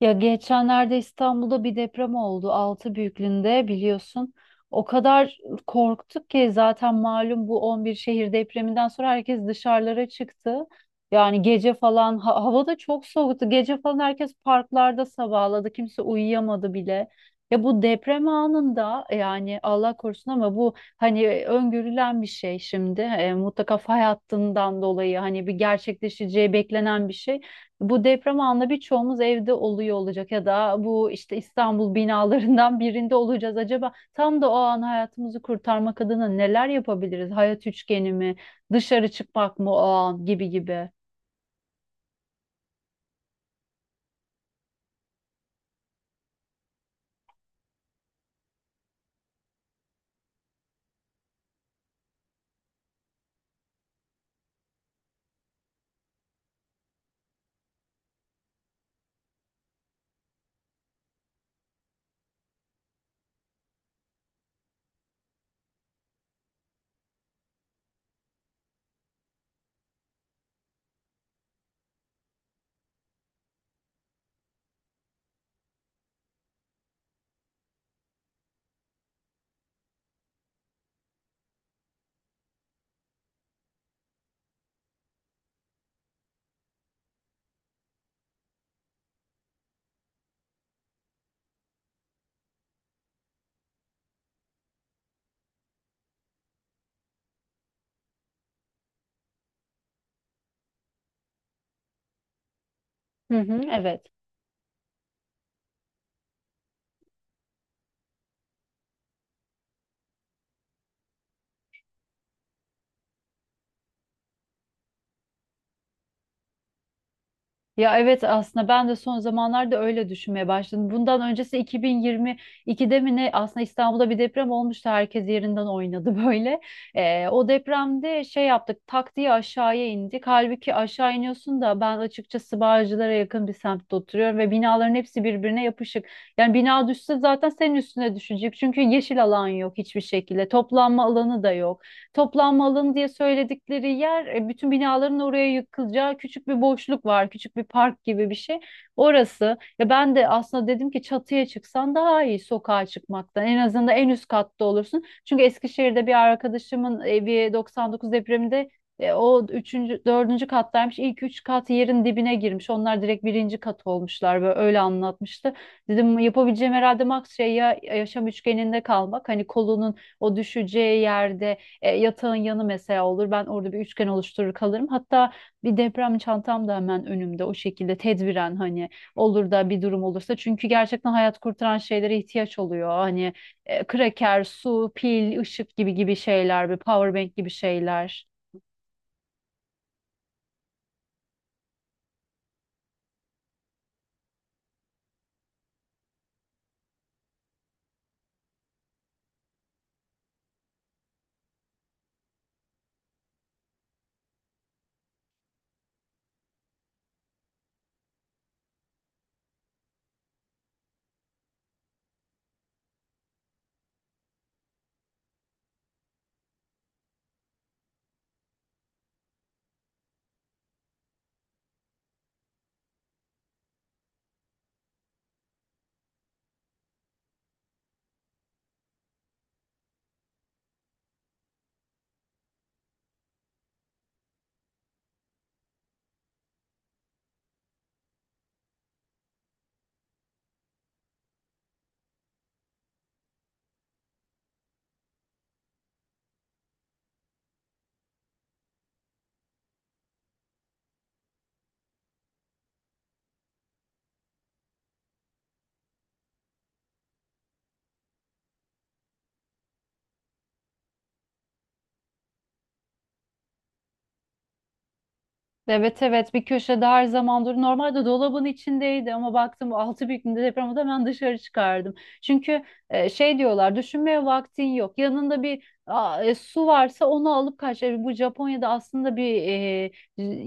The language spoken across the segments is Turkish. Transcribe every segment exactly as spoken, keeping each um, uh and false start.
Ya geçenlerde İstanbul'da bir deprem oldu. Altı büyüklüğünde biliyorsun. O kadar korktuk ki zaten malum bu on bir şehir depreminden sonra herkes dışarılara çıktı. Yani gece falan ha- hava da çok soğuktu. Gece falan herkes parklarda sabahladı. Kimse uyuyamadı bile. Ya bu deprem anında yani Allah korusun ama bu hani öngörülen bir şey şimdi. E, mutlaka fay hattından dolayı hani bir gerçekleşeceği beklenen bir şey. Bu deprem anında birçoğumuz evde oluyor olacak ya da bu işte İstanbul binalarından birinde olacağız. Acaba tam da o an hayatımızı kurtarmak adına neler yapabiliriz? Hayat üçgeni mi? Dışarı çıkmak mı o an gibi gibi. Hı hı, evet. Ya evet, aslında ben de son zamanlarda öyle düşünmeye başladım. Bundan öncesi iki bin yirmi ikide mi ne, aslında İstanbul'da bir deprem olmuştu. Herkes yerinden oynadı böyle. Ee, o depremde şey yaptık, tak diye aşağıya indik. Halbuki aşağı iniyorsun da, ben açıkçası Bağcılar'a yakın bir semtte oturuyorum ve binaların hepsi birbirine yapışık. Yani bina düşse zaten senin üstüne düşecek. Çünkü yeşil alan yok hiçbir şekilde. Toplanma alanı da yok. Toplanma alanı diye söyledikleri yer e, bütün binaların oraya yıkılacağı küçük bir boşluk var. Küçük bir park gibi bir şey. Orası. Ya ben de aslında dedim ki çatıya çıksan daha iyi sokağa çıkmaktan. En azından en üst katta olursun. Çünkü Eskişehir'de bir arkadaşımın evi doksan dokuz depreminde e, o üçüncü, dördüncü kattaymış. İlk üç kat yerin dibine girmiş. Onlar direkt birinci kat olmuşlar böyle, öyle anlatmıştı. Dedim yapabileceğim herhalde max şey ya yaşam üçgeninde kalmak. Hani kolunun o düşeceği yerde e, yatağın yanı mesela olur. Ben orada bir üçgen oluşturur kalırım. Hatta bir deprem çantam da hemen önümde o şekilde tedbiren, hani olur da bir durum olursa. Çünkü gerçekten hayat kurtaran şeylere ihtiyaç oluyor. Hani e, kraker, su, pil, ışık gibi gibi şeyler, bir powerbank gibi şeyler. Evet, evet, bir köşede her zaman dur. Normalde dolabın içindeydi ama baktım altı büyüklüğünde deprem oldu, hemen dışarı çıkardım. Çünkü e, şey diyorlar, düşünmeye vaktin yok. Yanında bir a, e, su varsa onu alıp kaç. E, bu Japonya'da aslında bir e,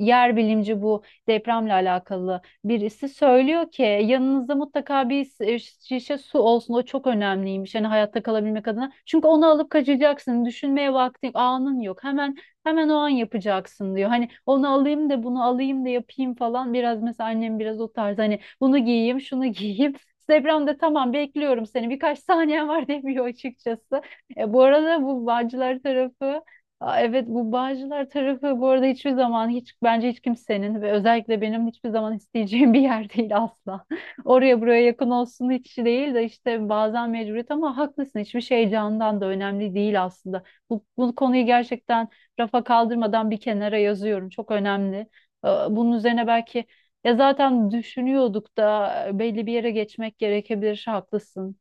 yer bilimci, bu depremle alakalı birisi söylüyor ki yanınızda mutlaka bir s- e, şişe su olsun. O çok önemliymiş, yani hayatta kalabilmek adına. Çünkü onu alıp kaçacaksın. Düşünmeye vaktin, anın yok. Hemen Hemen o an yapacaksın diyor. Hani onu alayım da bunu alayım da yapayım falan. Biraz mesela annem biraz o tarz, hani bunu giyeyim, şunu giyeyim. Instagram'da tamam, bekliyorum seni, birkaç saniyen var demiyor açıkçası. E, bu arada bu Bağcılar tarafı. Aa, evet, bu Bağcılar tarafı bu arada hiçbir zaman, hiç bence hiç kimsenin ve özellikle benim hiçbir zaman isteyeceğim bir yer değil asla. Oraya buraya yakın olsun hiç değil de işte bazen mecburiyet, ama haklısın, hiçbir şey candan da önemli değil aslında. Bu, bu konuyu gerçekten rafa kaldırmadan bir kenara yazıyorum. Çok önemli. Ee, Bunun üzerine belki ya zaten düşünüyorduk da e, belli bir yere geçmek gerekebilir. Haklısın.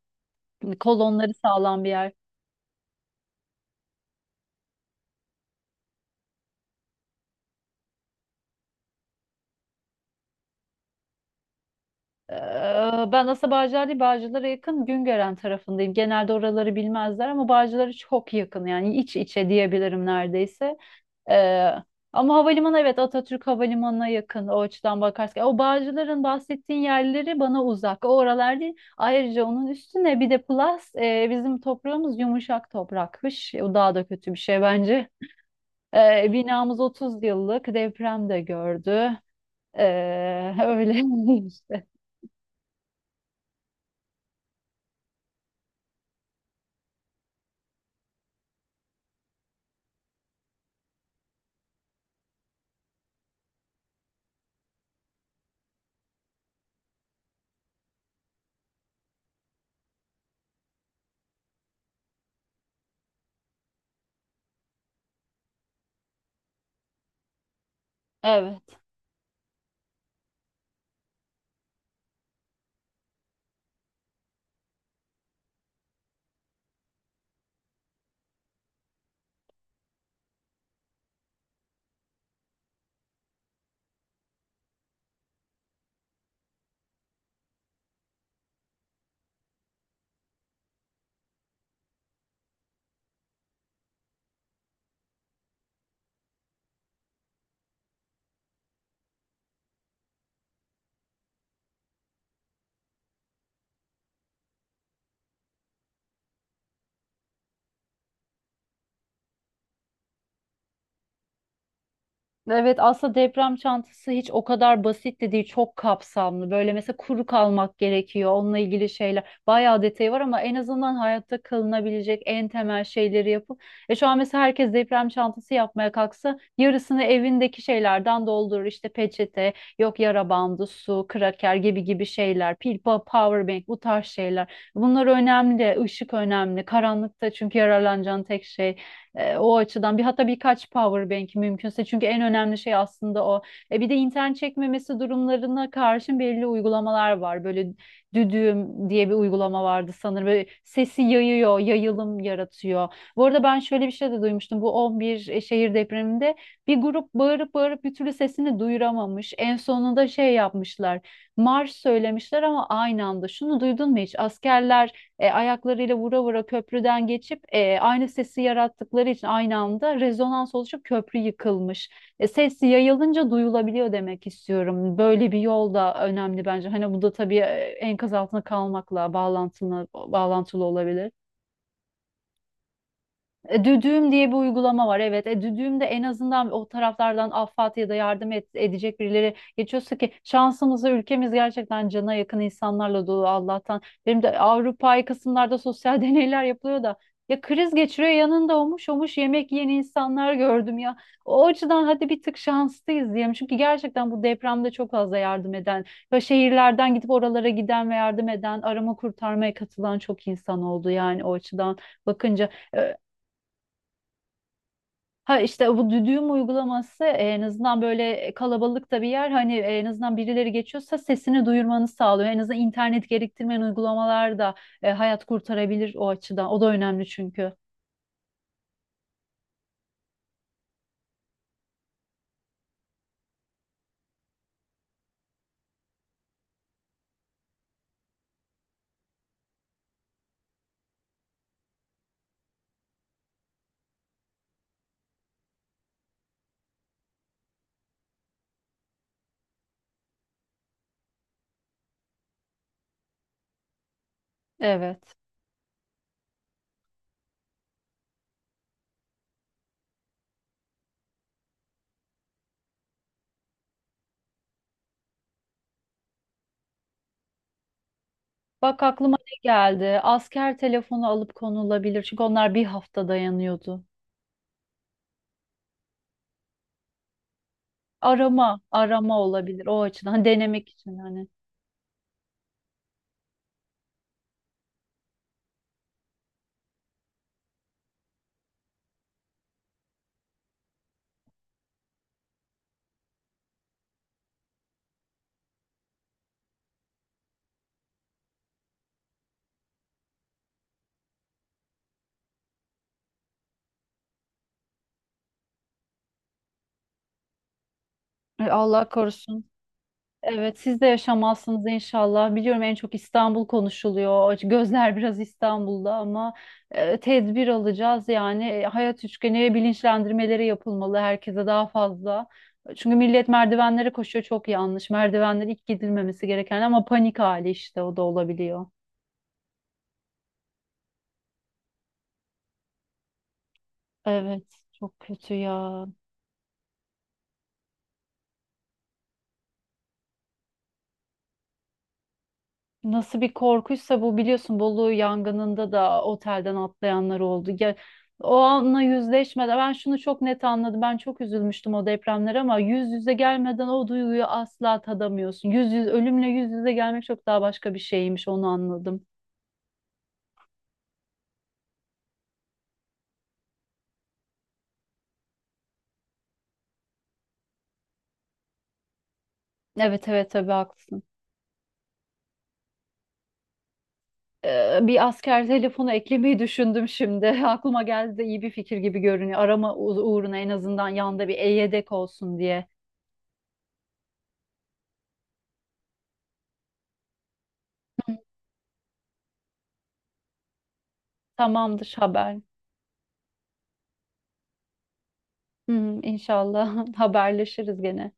Hani kolonları sağlam bir yer. Ee, Ben aslında Bağcılar değil, Bağcılar'a yakın Güngören tarafındayım. Genelde oraları bilmezler ama Bağcılar'a çok yakın, yani iç içe diyebilirim neredeyse. Ee, Ama havalimanı, evet, Atatürk Havalimanı'na yakın o açıdan bakarsak. O Bağcılar'ın bahsettiğin yerleri bana uzak. O oralar değil. Ayrıca onun üstüne bir de plus e, bizim toprağımız yumuşak toprakmış. O daha da kötü bir şey bence. Ee, binamız otuz yıllık, deprem de gördü. Ee, öyle işte. Evet. Evet, aslında deprem çantası hiç o kadar basit de değil, çok kapsamlı böyle. Mesela kuru kalmak gerekiyor, onunla ilgili şeyler bayağı detayı var, ama en azından hayatta kalınabilecek en temel şeyleri yapıp e şu an mesela herkes deprem çantası yapmaya kalksa yarısını evindeki şeylerden doldurur, işte peçete, yok yara bandı, su, kraker gibi gibi şeyler, pil pa- power bank, bu tarz şeyler. Bunlar önemli, ışık önemli karanlıkta, çünkü yararlanacağın tek şey. E, o açıdan bir, hatta birkaç power bank mümkünse, çünkü en önemli şey aslında o. E, bir de internet çekmemesi durumlarına karşın belli uygulamalar var. Böyle Düdüğüm diye bir uygulama vardı sanırım. Böyle sesi yayıyor, yayılım yaratıyor. Bu arada ben şöyle bir şey de duymuştum. Bu on bir şehir depreminde bir grup bağırıp bağırıp bir türlü sesini duyuramamış. En sonunda şey yapmışlar. Marş söylemişler ama aynı anda. Şunu duydun mu hiç? Askerler e, ayaklarıyla vura vura köprüden geçip e, aynı sesi yarattıkları için aynı anda rezonans oluşup köprü yıkılmış. E, ses yayılınca duyulabiliyor demek istiyorum. Böyle bir yol da önemli bence. Hani bu da tabii e, enkaz altında kalmakla bağlantılı, bağlantılı olabilir. E, Düdüğüm diye bir uygulama var, evet. E, Düdüğüm'de en azından o taraflardan affat ya da yardım et, edecek birileri geçiyorsa, ki şansımıza ülkemiz gerçekten cana yakın insanlarla dolu Allah'tan. Benim de Avrupa'yı kısımlarda sosyal deneyler yapılıyor da, ya kriz geçiriyor yanında olmuş olmuş yemek yiyen insanlar gördüm ya. O açıdan hadi bir tık şanslıyız diyelim. Çünkü gerçekten bu depremde çok fazla yardım eden ve şehirlerden gidip oralara giden ve yardım eden, arama kurtarmaya katılan çok insan oldu, yani o açıdan bakınca. E, ha işte bu düdüğüm uygulaması e, en azından böyle kalabalıkta bir yer, hani e, en azından birileri geçiyorsa sesini duyurmanı sağlıyor. En azından internet gerektirmeyen uygulamalar da e, hayat kurtarabilir o açıdan. O da önemli çünkü. Evet. Bak aklıma ne geldi? Asker telefonu alıp konulabilir. Çünkü onlar bir hafta dayanıyordu. Arama, arama olabilir o açıdan. Hani denemek için hani. E, Allah korusun. Evet, siz de yaşamazsınız inşallah. Biliyorum, en çok İstanbul konuşuluyor. Gözler biraz İstanbul'da ama e, tedbir alacağız yani. E, hayat üçgeni bilinçlendirmeleri yapılmalı herkese daha fazla. Çünkü millet merdivenlere koşuyor, çok yanlış. Merdivenler ilk gidilmemesi gereken ama panik hali işte, o da olabiliyor. Evet, çok kötü ya. Nasıl bir korkuysa bu, biliyorsun Bolu yangınında da otelden atlayanlar oldu. Ya, o anla yüzleşmeden ben şunu çok net anladım. Ben çok üzülmüştüm o depremlere ama yüz yüze gelmeden o duyguyu asla tadamıyorsun. Yüz yüz Ölümle yüz yüze gelmek çok daha başka bir şeymiş, onu anladım. Evet, evet, tabii haklısın. Ee, bir asker telefonu eklemeyi düşündüm şimdi. Aklıma geldi de iyi bir fikir gibi görünüyor. Arama u- uğruna, en azından yanında bir e-yedek olsun diye. Tamamdır haber. Hı hı, İnşallah haberleşiriz gene.